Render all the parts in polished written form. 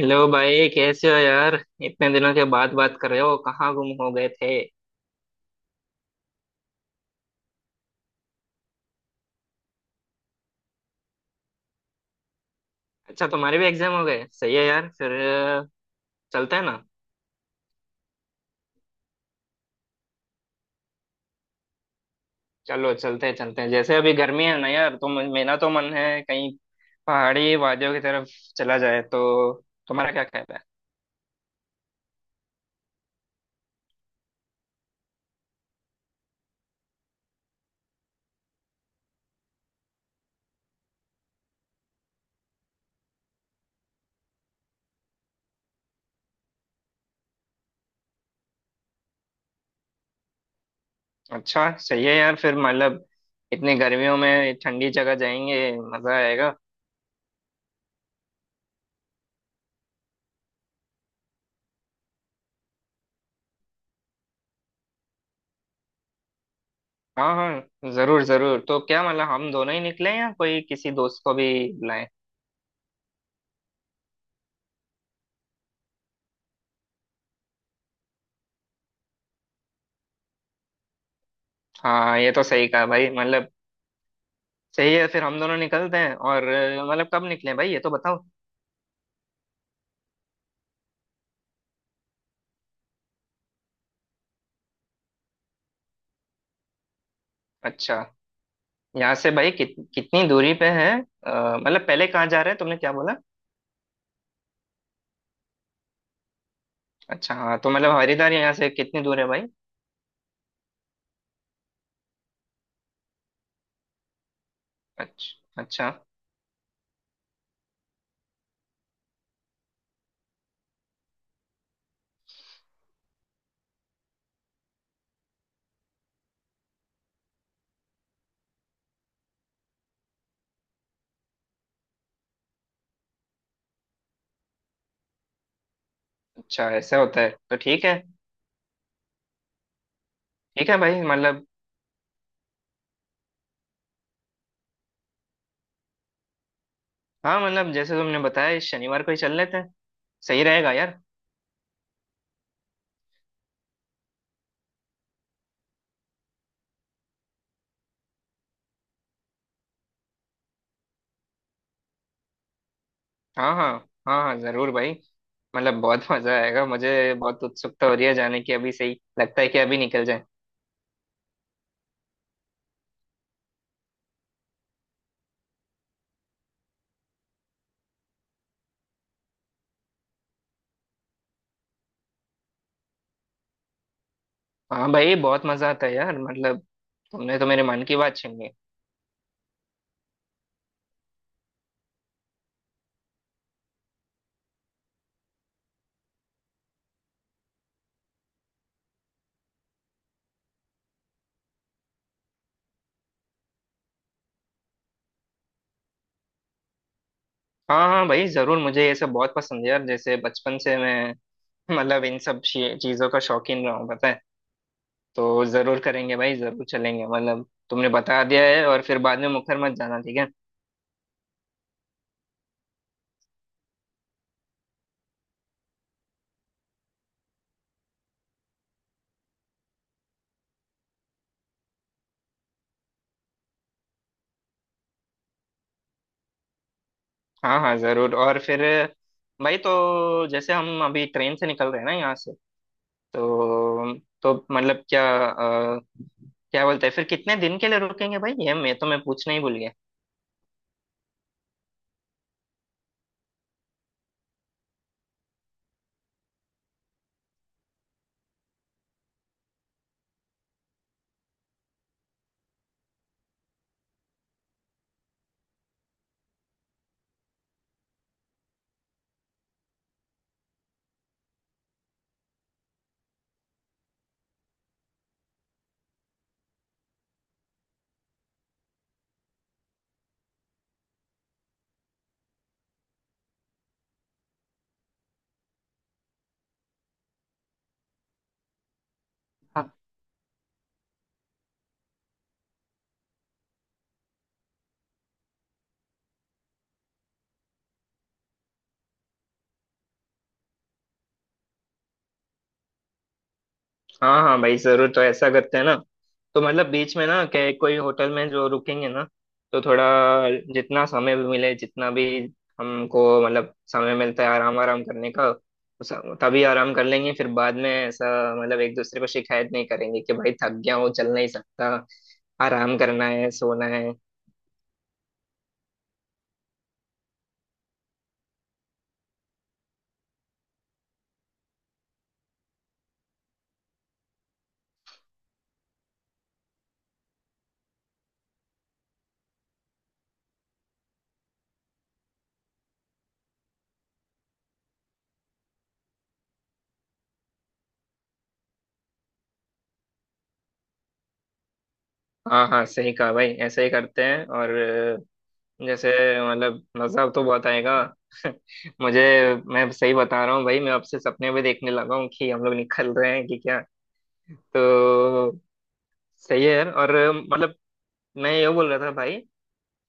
Hello भाई, कैसे हो यार। इतने दिनों के बाद बात कर रहे हो, कहाँ गुम हो गए थे। अच्छा, तुम्हारे भी एग्जाम हो गए। सही है यार। चलते हैं ना। चलो चलते हैं, चलते हैं। जैसे अभी गर्मी है ना यार, तो मेरा तो मन है कहीं पहाड़ी वादियों की तरफ चला जाए, तो तुम्हारा क्या कहना है। अच्छा, सही है यार। फिर मतलब इतनी गर्मियों में ठंडी जगह जाएंगे, मजा आएगा। हाँ हाँ, जरूर जरूर। तो क्या मतलब हम दोनों ही निकले, या कोई किसी दोस्त को भी बुलाएं। हाँ, ये तो सही कहा भाई। मतलब सही है, फिर हम दोनों निकलते हैं। और मतलब कब निकलें भाई, ये तो बताओ। अच्छा, यहाँ से भाई कितनी दूरी पे है। मतलब पहले कहाँ जा रहे हैं, तुमने क्या बोला। अच्छा हाँ, तो मतलब हरिद्वार यहाँ से कितनी दूर है भाई। अच्छा अच्छा। अच्छा, ऐसा होता है, तो ठीक है। ठीक है भाई। मतलब हाँ, मतलब जैसे तुमने बताया, इस शनिवार को ही चल लेते हैं। सही रहेगा यार। हाँ हाँ, हाँ हाँ जरूर भाई। मतलब बहुत मजा आएगा। मुझे बहुत उत्सुकता हो रही है जाने की, अभी से ही लगता है कि अभी निकल जाए। हाँ भाई, बहुत मजा आता है यार। मतलब तुमने तो मेरे मन की बात छीन ली। हाँ हाँ भाई, जरूर। मुझे ये सब बहुत पसंद है यार। जैसे बचपन से मैं मतलब इन सब चीजों का शौकीन रहा हूँ, पता है। तो जरूर करेंगे भाई, जरूर चलेंगे। मतलब तुमने बता दिया है, और फिर बाद में मुखर मत जाना, ठीक है। हाँ हाँ जरूर। और फिर भाई, तो जैसे हम अभी ट्रेन से निकल रहे हैं ना यहाँ से, तो तो मतलब क्या, अ, क्या बोलते हैं, फिर कितने दिन के लिए रुकेंगे भाई, ये मैं पूछना ही भूल गया। हाँ हाँ भाई, जरूर। तो ऐसा करते हैं ना, तो मतलब बीच में ना क्या कोई होटल में जो रुकेंगे ना, तो थोड़ा जितना समय भी मिले, जितना भी हमको मतलब समय मिलता है आराम, आराम करने का। उस- तभी आराम कर लेंगे, फिर बाद में ऐसा मतलब एक दूसरे को शिकायत नहीं करेंगे कि भाई थक गया हूँ, चल नहीं सकता, आराम करना है, सोना है। हाँ हाँ, सही कहा भाई, ऐसा ही करते हैं। और जैसे मतलब मजा तो बहुत आएगा। मुझे, मैं सही बता रहा हूँ भाई, मैं अब से सपने भी देखने लगा हूँ कि हम लोग निकल रहे हैं कि क्या। तो सही है यार। और मतलब मैं ये बोल रहा था भाई,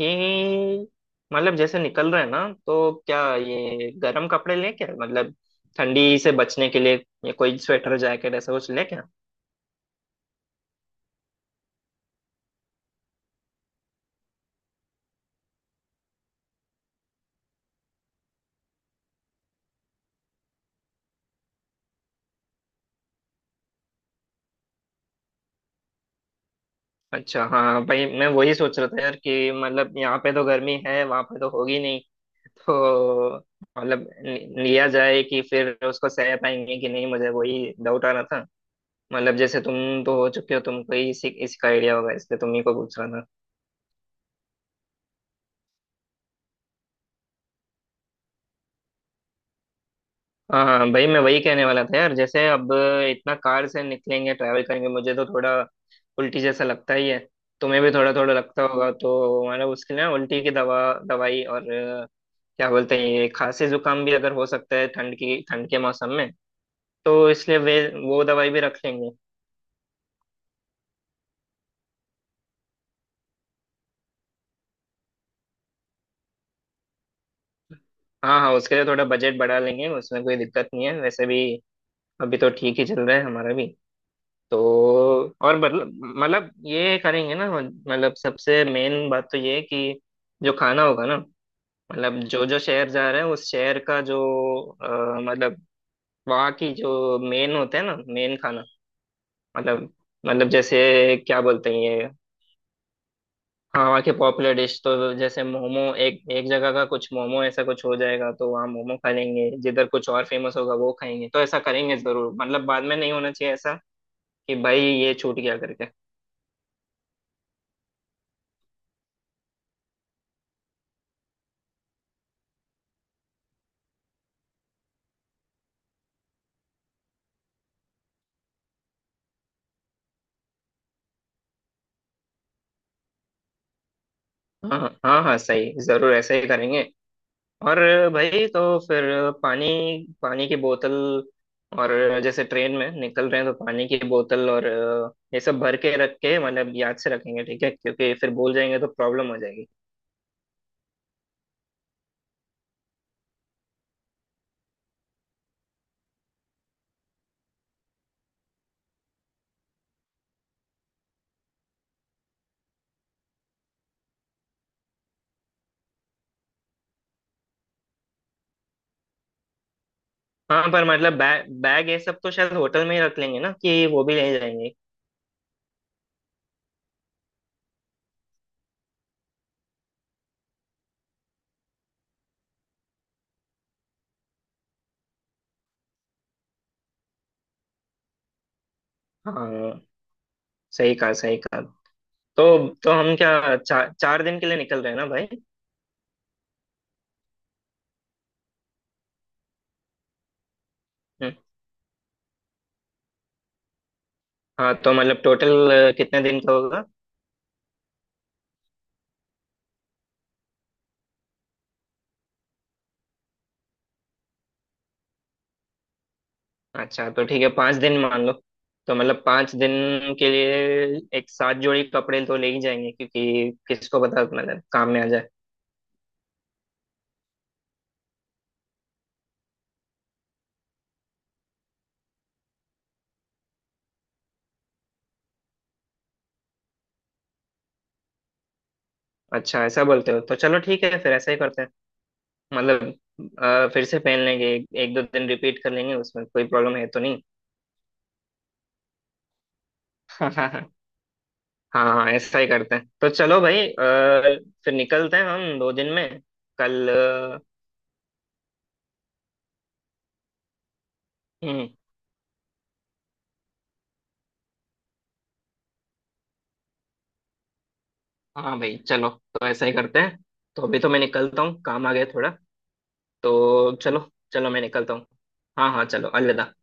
कि मतलब जैसे निकल रहे हैं ना, तो क्या ये गर्म कपड़े लें, क्या मतलब ठंडी से बचने के लिए ये कोई स्वेटर जैकेट ऐसा कुछ ले क्या। अच्छा हाँ भाई, मैं वही सोच रहा था यार, कि मतलब यहाँ पे तो गर्मी है, वहां पे तो होगी नहीं। तो मतलब लिया जाए कि फिर उसको सह पाएंगे कि नहीं, मुझे वही डाउट आ रहा था। मतलब जैसे तुम तो हो चुके हो, तुमको ही इसी इसका आइडिया होगा, इसलिए तुम ही को पूछ रहा था। हाँ हाँ, भाई मैं वही कहने वाला था यार। जैसे अब इतना कार से निकलेंगे, ट्रैवल करेंगे, मुझे तो थोड़ा उल्टी जैसा लगता ही है। तुम्हें भी थोड़ा थोड़ा लगता होगा, तो मतलब उसके लिए ना उल्टी की दवाई और क्या बोलते हैं ये, खांसी जुकाम भी अगर हो सकता है ठंड की, ठंड के मौसम में, तो इसलिए वे वो दवाई भी रख लेंगे। हाँ हाँ, उसके लिए थोड़ा बजट बढ़ा लेंगे, उसमें कोई दिक्कत नहीं है। वैसे भी अभी तो ठीक ही चल रहा है हमारा भी। तो और मतलब, मतलब ये करेंगे ना, मतलब सबसे मेन बात तो ये है कि जो खाना होगा ना, मतलब जो जो शहर जा रहे हैं उस शहर का जो मतलब वहाँ की जो मेन होता है ना, मेन खाना। मतलब, मतलब जैसे क्या बोलते हैं ये। हाँ, वहाँ की पॉपुलर डिश, तो जैसे मोमो, एक एक जगह का कुछ मोमो ऐसा कुछ हो जाएगा, तो वहाँ मोमो खा लेंगे, जिधर कुछ और फेमस होगा वो खाएंगे। तो ऐसा करेंगे जरूर, मतलब बाद में नहीं होना चाहिए ऐसा कि भाई ये छूट गया करके। हाँ हाँ, हाँ हाँ, सही, जरूर ऐसा ही करेंगे। और भाई, तो फिर पानी, पानी की बोतल, और जैसे ट्रेन में निकल रहे हैं, तो पानी की बोतल और ये सब भर के रख के, मतलब याद से रखेंगे, ठीक है, क्योंकि फिर भूल जाएंगे तो प्रॉब्लम हो जाएगी। हाँ, पर मतलब बैग बैग ये सब तो शायद होटल में ही रख लेंगे ना, कि वो भी ले जाएंगे। हाँ सही कहा, सही कहा। तो हम क्या चार, चार दिन के लिए निकल रहे हैं ना भाई। हम्म, हाँ तो मतलब टोटल कितने दिन का होगा। अच्छा, तो ठीक है, पाँच दिन मान लो। तो मतलब पाँच दिन के लिए एक सात जोड़ी कपड़े तो ले ही जाएंगे, क्योंकि किसको पता मतलब काम में आ जाए। अच्छा, ऐसा बोलते हो तो चलो, ठीक है, फिर ऐसा ही करते हैं। मतलब फिर से पहन लेंगे, एक दो दिन रिपीट कर लेंगे, उसमें कोई प्रॉब्लम है तो नहीं। हाँ हाँ, ऐसा ही करते हैं। तो चलो भाई, फिर निकलते हैं हम दो दिन में। कल अ, हम्म। हाँ भाई, चलो, तो ऐसा ही करते हैं। तो अभी तो मैं निकलता हूँ, काम आ गया थोड़ा। तो चलो चलो, मैं निकलता हूँ। हाँ हाँ, चलो, अलविदा।